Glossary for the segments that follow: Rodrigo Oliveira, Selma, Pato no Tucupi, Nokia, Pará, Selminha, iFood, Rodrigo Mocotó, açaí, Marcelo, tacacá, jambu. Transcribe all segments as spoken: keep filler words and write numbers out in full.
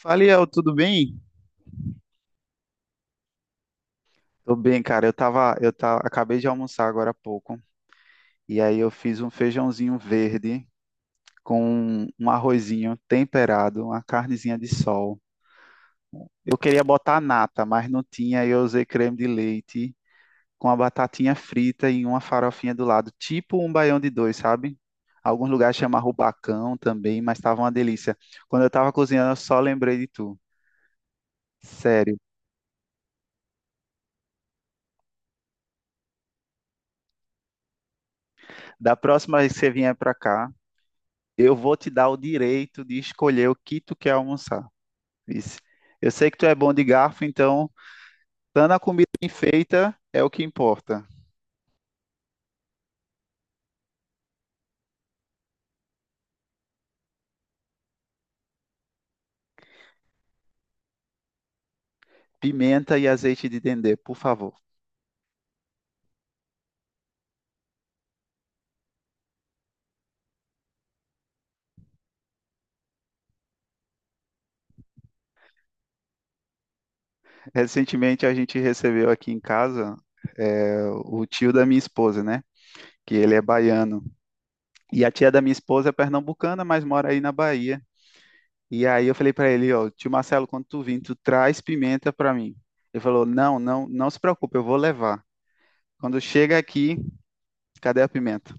Fala, Iel, tudo bem? Tô bem, cara. Eu tava, eu tava, acabei de almoçar agora há pouco. E aí eu fiz um feijãozinho verde com um arrozinho temperado, uma carnezinha de sol. Eu queria botar nata, mas não tinha. Aí eu usei creme de leite com a batatinha frita e uma farofinha do lado, tipo um baião de dois, sabe? Alguns lugares chamam rubacão também, mas tava uma delícia. Quando eu tava cozinhando, eu só lembrei de tu. Sério. Da próxima vez que você vier pra cá, eu vou te dar o direito de escolher o que tu quer almoçar. Disse. Eu sei que tu é bom de garfo, então, dando a comida bem feita é o que importa. Pimenta e azeite de dendê, por favor. Recentemente a gente recebeu aqui em casa é, o tio da minha esposa, né? Que ele é baiano. E a tia da minha esposa é pernambucana, mas mora aí na Bahia. E aí eu falei para ele, ó, tio Marcelo, quando tu vir, tu traz pimenta para mim. Ele falou: "Não, não, não se preocupe, eu vou levar. Quando chega aqui, cadê a pimenta?"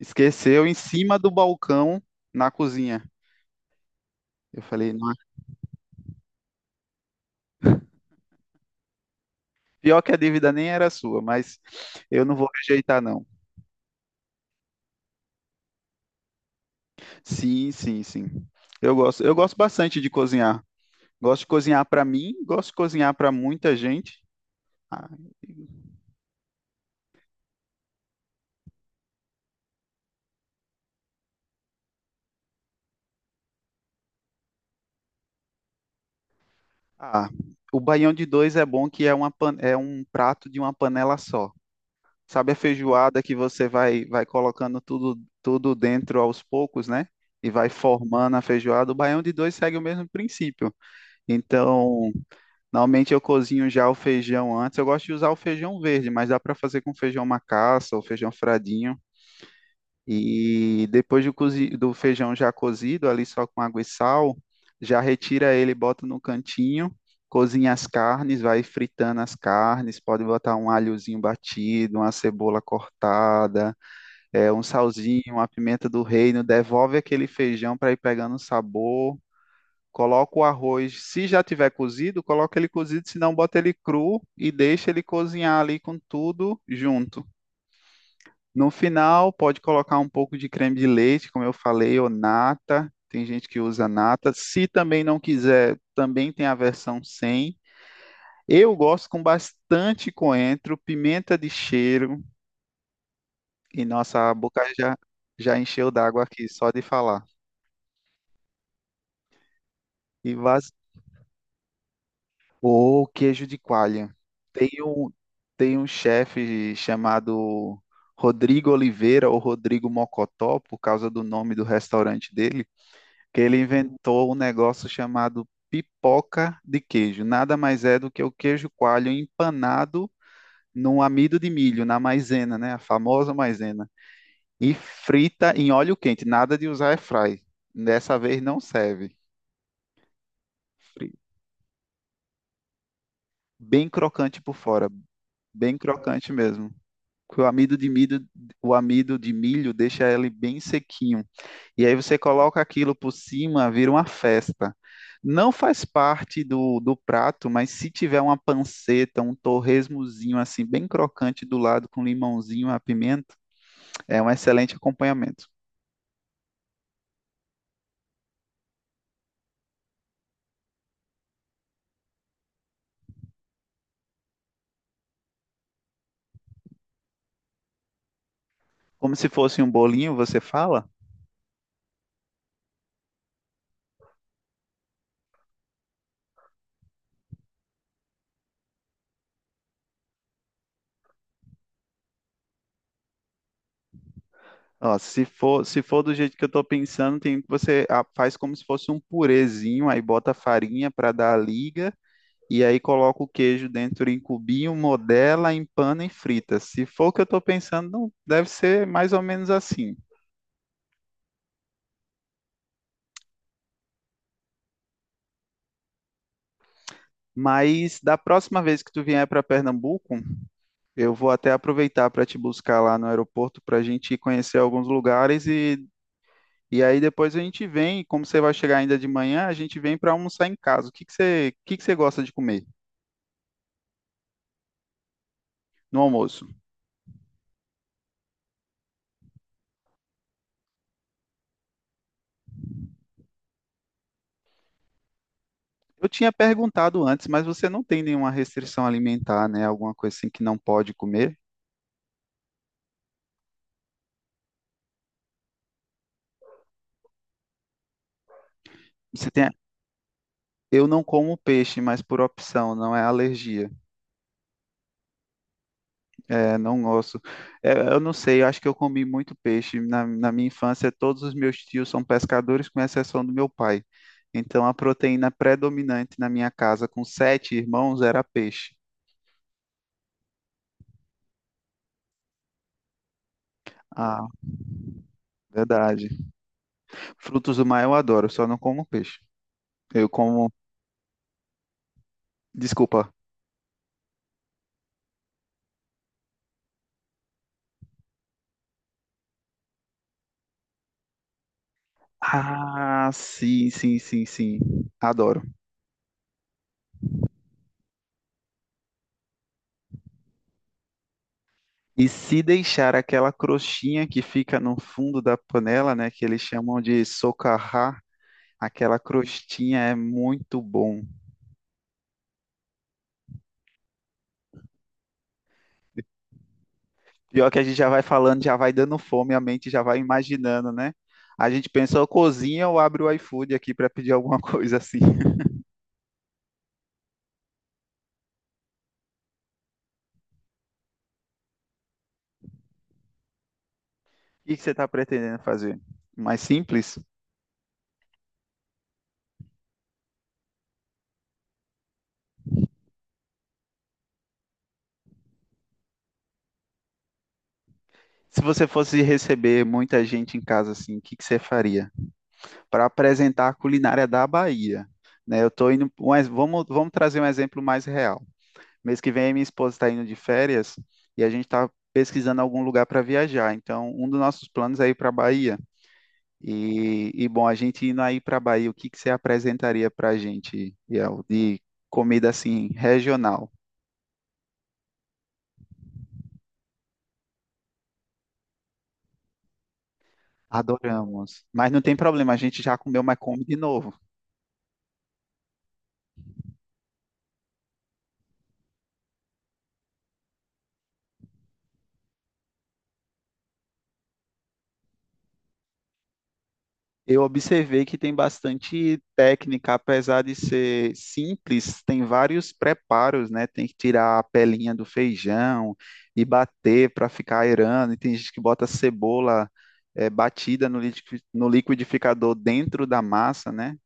Esqueceu em cima do balcão na cozinha. Eu falei, não, pior que a dívida nem era sua, mas eu não vou rejeitar, não. Sim, sim, sim. Eu gosto, eu gosto bastante de cozinhar. Gosto de cozinhar para mim, gosto de cozinhar para muita gente. Ah, ah, o baião de dois é bom que é uma pan- é um prato de uma panela só. Sabe a feijoada que você vai vai colocando tudo tudo dentro aos poucos, né? E vai formando a feijoada. O baião de dois segue o mesmo princípio. Então, normalmente eu cozinho já o feijão antes. Eu gosto de usar o feijão verde, mas dá para fazer com feijão macaça ou feijão fradinho. E depois do, cozi- do feijão já cozido, ali só com água e sal, já retira ele, bota no cantinho, cozinha as carnes, vai fritando as carnes. Pode botar um alhozinho batido, uma cebola cortada, é, um salzinho, uma pimenta do reino. Devolve aquele feijão para ir pegando o sabor. Coloca o arroz, se já tiver cozido, coloca ele cozido, se não, bota ele cru e deixa ele cozinhar ali com tudo junto. No final, pode colocar um pouco de creme de leite, como eu falei, ou nata. Tem gente que usa nata. Se também não quiser, também tem a versão sem. Eu gosto com bastante coentro, pimenta de cheiro, e nossa a boca já, já encheu d'água aqui só de falar. E, bas- Ou queijo de coalha. Tem um, tem um chefe chamado Rodrigo Oliveira ou Rodrigo Mocotó, por causa do nome do restaurante dele, que ele inventou um negócio chamado pipoca de queijo. Nada mais é do que o queijo coalho empanado num amido de milho, na maisena, né? A famosa maisena. E frita em óleo quente, nada de usar airfry. Dessa vez não serve. Fri- Bem crocante por fora, bem crocante mesmo. Que o amido de milho, o amido de milho deixa ele bem sequinho. E aí você coloca aquilo por cima, vira uma festa. Não faz parte do, do prato, mas se tiver uma panceta, um torresmozinho assim bem crocante do lado com limãozinho, a pimenta, é um excelente acompanhamento. Como se fosse um bolinho, você fala? Ó, se for, se for do jeito que eu estou pensando, tem, você ah, faz como se fosse um purezinho, aí bota farinha para dar a liga. E aí coloca o queijo dentro em cubinho, modela, empana e frita. Se for o que eu estou pensando, deve ser mais ou menos assim. Mas da próxima vez que tu vier para Pernambuco, eu vou até aproveitar para te buscar lá no aeroporto para a gente conhecer alguns lugares e, e aí depois a gente vem, como você vai chegar ainda de manhã, a gente vem para almoçar em casa. O que que você, o que que você gosta de comer no almoço? Eu tinha perguntado antes, mas você não tem nenhuma restrição alimentar, né? Alguma coisa assim que não pode comer? Você tem... Eu não como peixe, mas por opção, não é alergia. É, não gosto. É, eu não sei, eu acho que eu comi muito peixe. Na, na minha infância, todos os meus tios são pescadores, com exceção do meu pai. Então, a proteína predominante na minha casa, com sete irmãos, era peixe. Ah, verdade. Frutos do mar eu adoro, só não como peixe. Eu como. Desculpa. Ah, sim, sim, sim, sim. Adoro. E se deixar aquela crostinha que fica no fundo da panela, né, que eles chamam de socarrá, aquela crostinha é muito bom. Pior que a gente já vai falando, já vai dando fome, a mente já vai imaginando, né? A gente pensa, ou cozinha ou abre o iFood aqui para pedir alguma coisa assim. O que que você está pretendendo fazer? Mais simples? Se você fosse receber muita gente em casa assim, o que que você faria? Para apresentar a culinária da Bahia, né? Eu tô indo, mas vamos, vamos trazer um exemplo mais real. Mês que vem, minha esposa está indo de férias e a gente está pesquisando algum lugar para viajar. Então, um dos nossos planos é ir para a Bahia. E, e, bom, a gente indo aí para a Bahia, o que que você apresentaria para a gente, Biel, de comida assim regional? Adoramos. Mas não tem problema, a gente já comeu, mas come de novo. Eu observei que tem bastante técnica, apesar de ser simples, tem vários preparos, né? Tem que tirar a pelinha do feijão e bater para ficar aerando. E tem gente que bota cebola eh, batida no liqui- no liquidificador dentro da massa, né?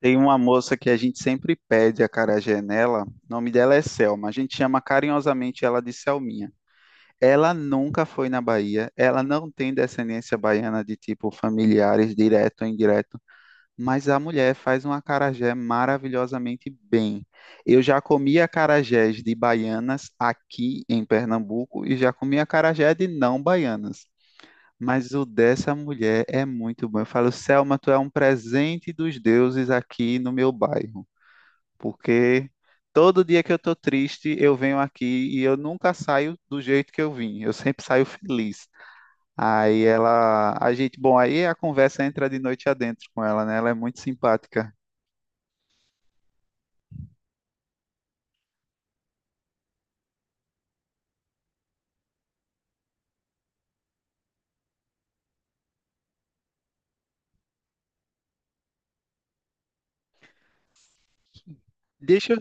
Tem uma moça que a gente sempre pede a acarajé nela, o nome dela é Selma, a gente chama carinhosamente ela de Selminha. Ela nunca foi na Bahia, ela não tem descendência baiana de tipo familiares, direto ou indireto. Mas a mulher faz um acarajé maravilhosamente bem. Eu já comi acarajés de baianas aqui em Pernambuco e já comi acarajé de não baianas. Mas o dessa mulher é muito bom. Eu falo, Selma, tu é um presente dos deuses aqui no meu bairro. Porque todo dia que eu tô triste, eu venho aqui e eu nunca saio do jeito que eu vim. Eu sempre saio feliz. Aí ela, a gente, bom, aí a conversa entra de noite adentro com ela, né? Ela é muito simpática. Deixa,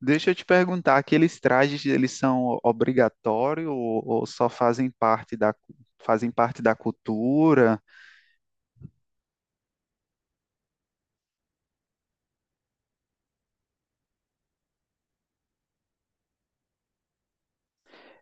deixa eu te perguntar, aqueles trajes eles são obrigatórios ou, ou só fazem parte da, cu- fazem parte da cultura?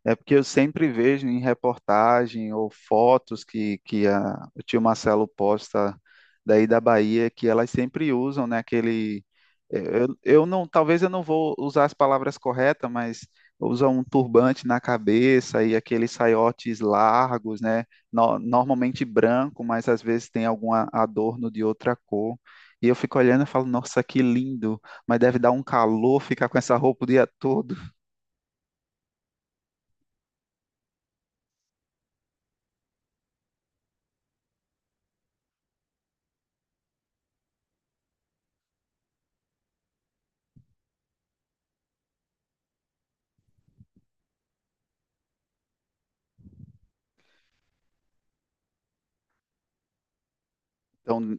É porque eu sempre vejo em reportagem ou fotos que, que a- o tio Marcelo posta daí da Bahia que elas sempre usam, né, aquele eh, eu, eu não, talvez eu não vou usar as palavras corretas, mas usam um turbante na cabeça e aqueles saiotes largos, né, no- normalmente branco, mas às vezes tem algum a- adorno de outra cor. E eu fico olhando e falo, nossa, que lindo, mas deve dar um calor ficar com essa roupa o dia todo. Então,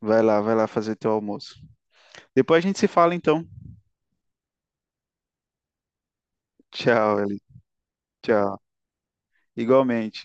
vai lá, vai lá fazer teu almoço. Depois a gente se fala então. Tchau, Eli. Tchau. Igualmente.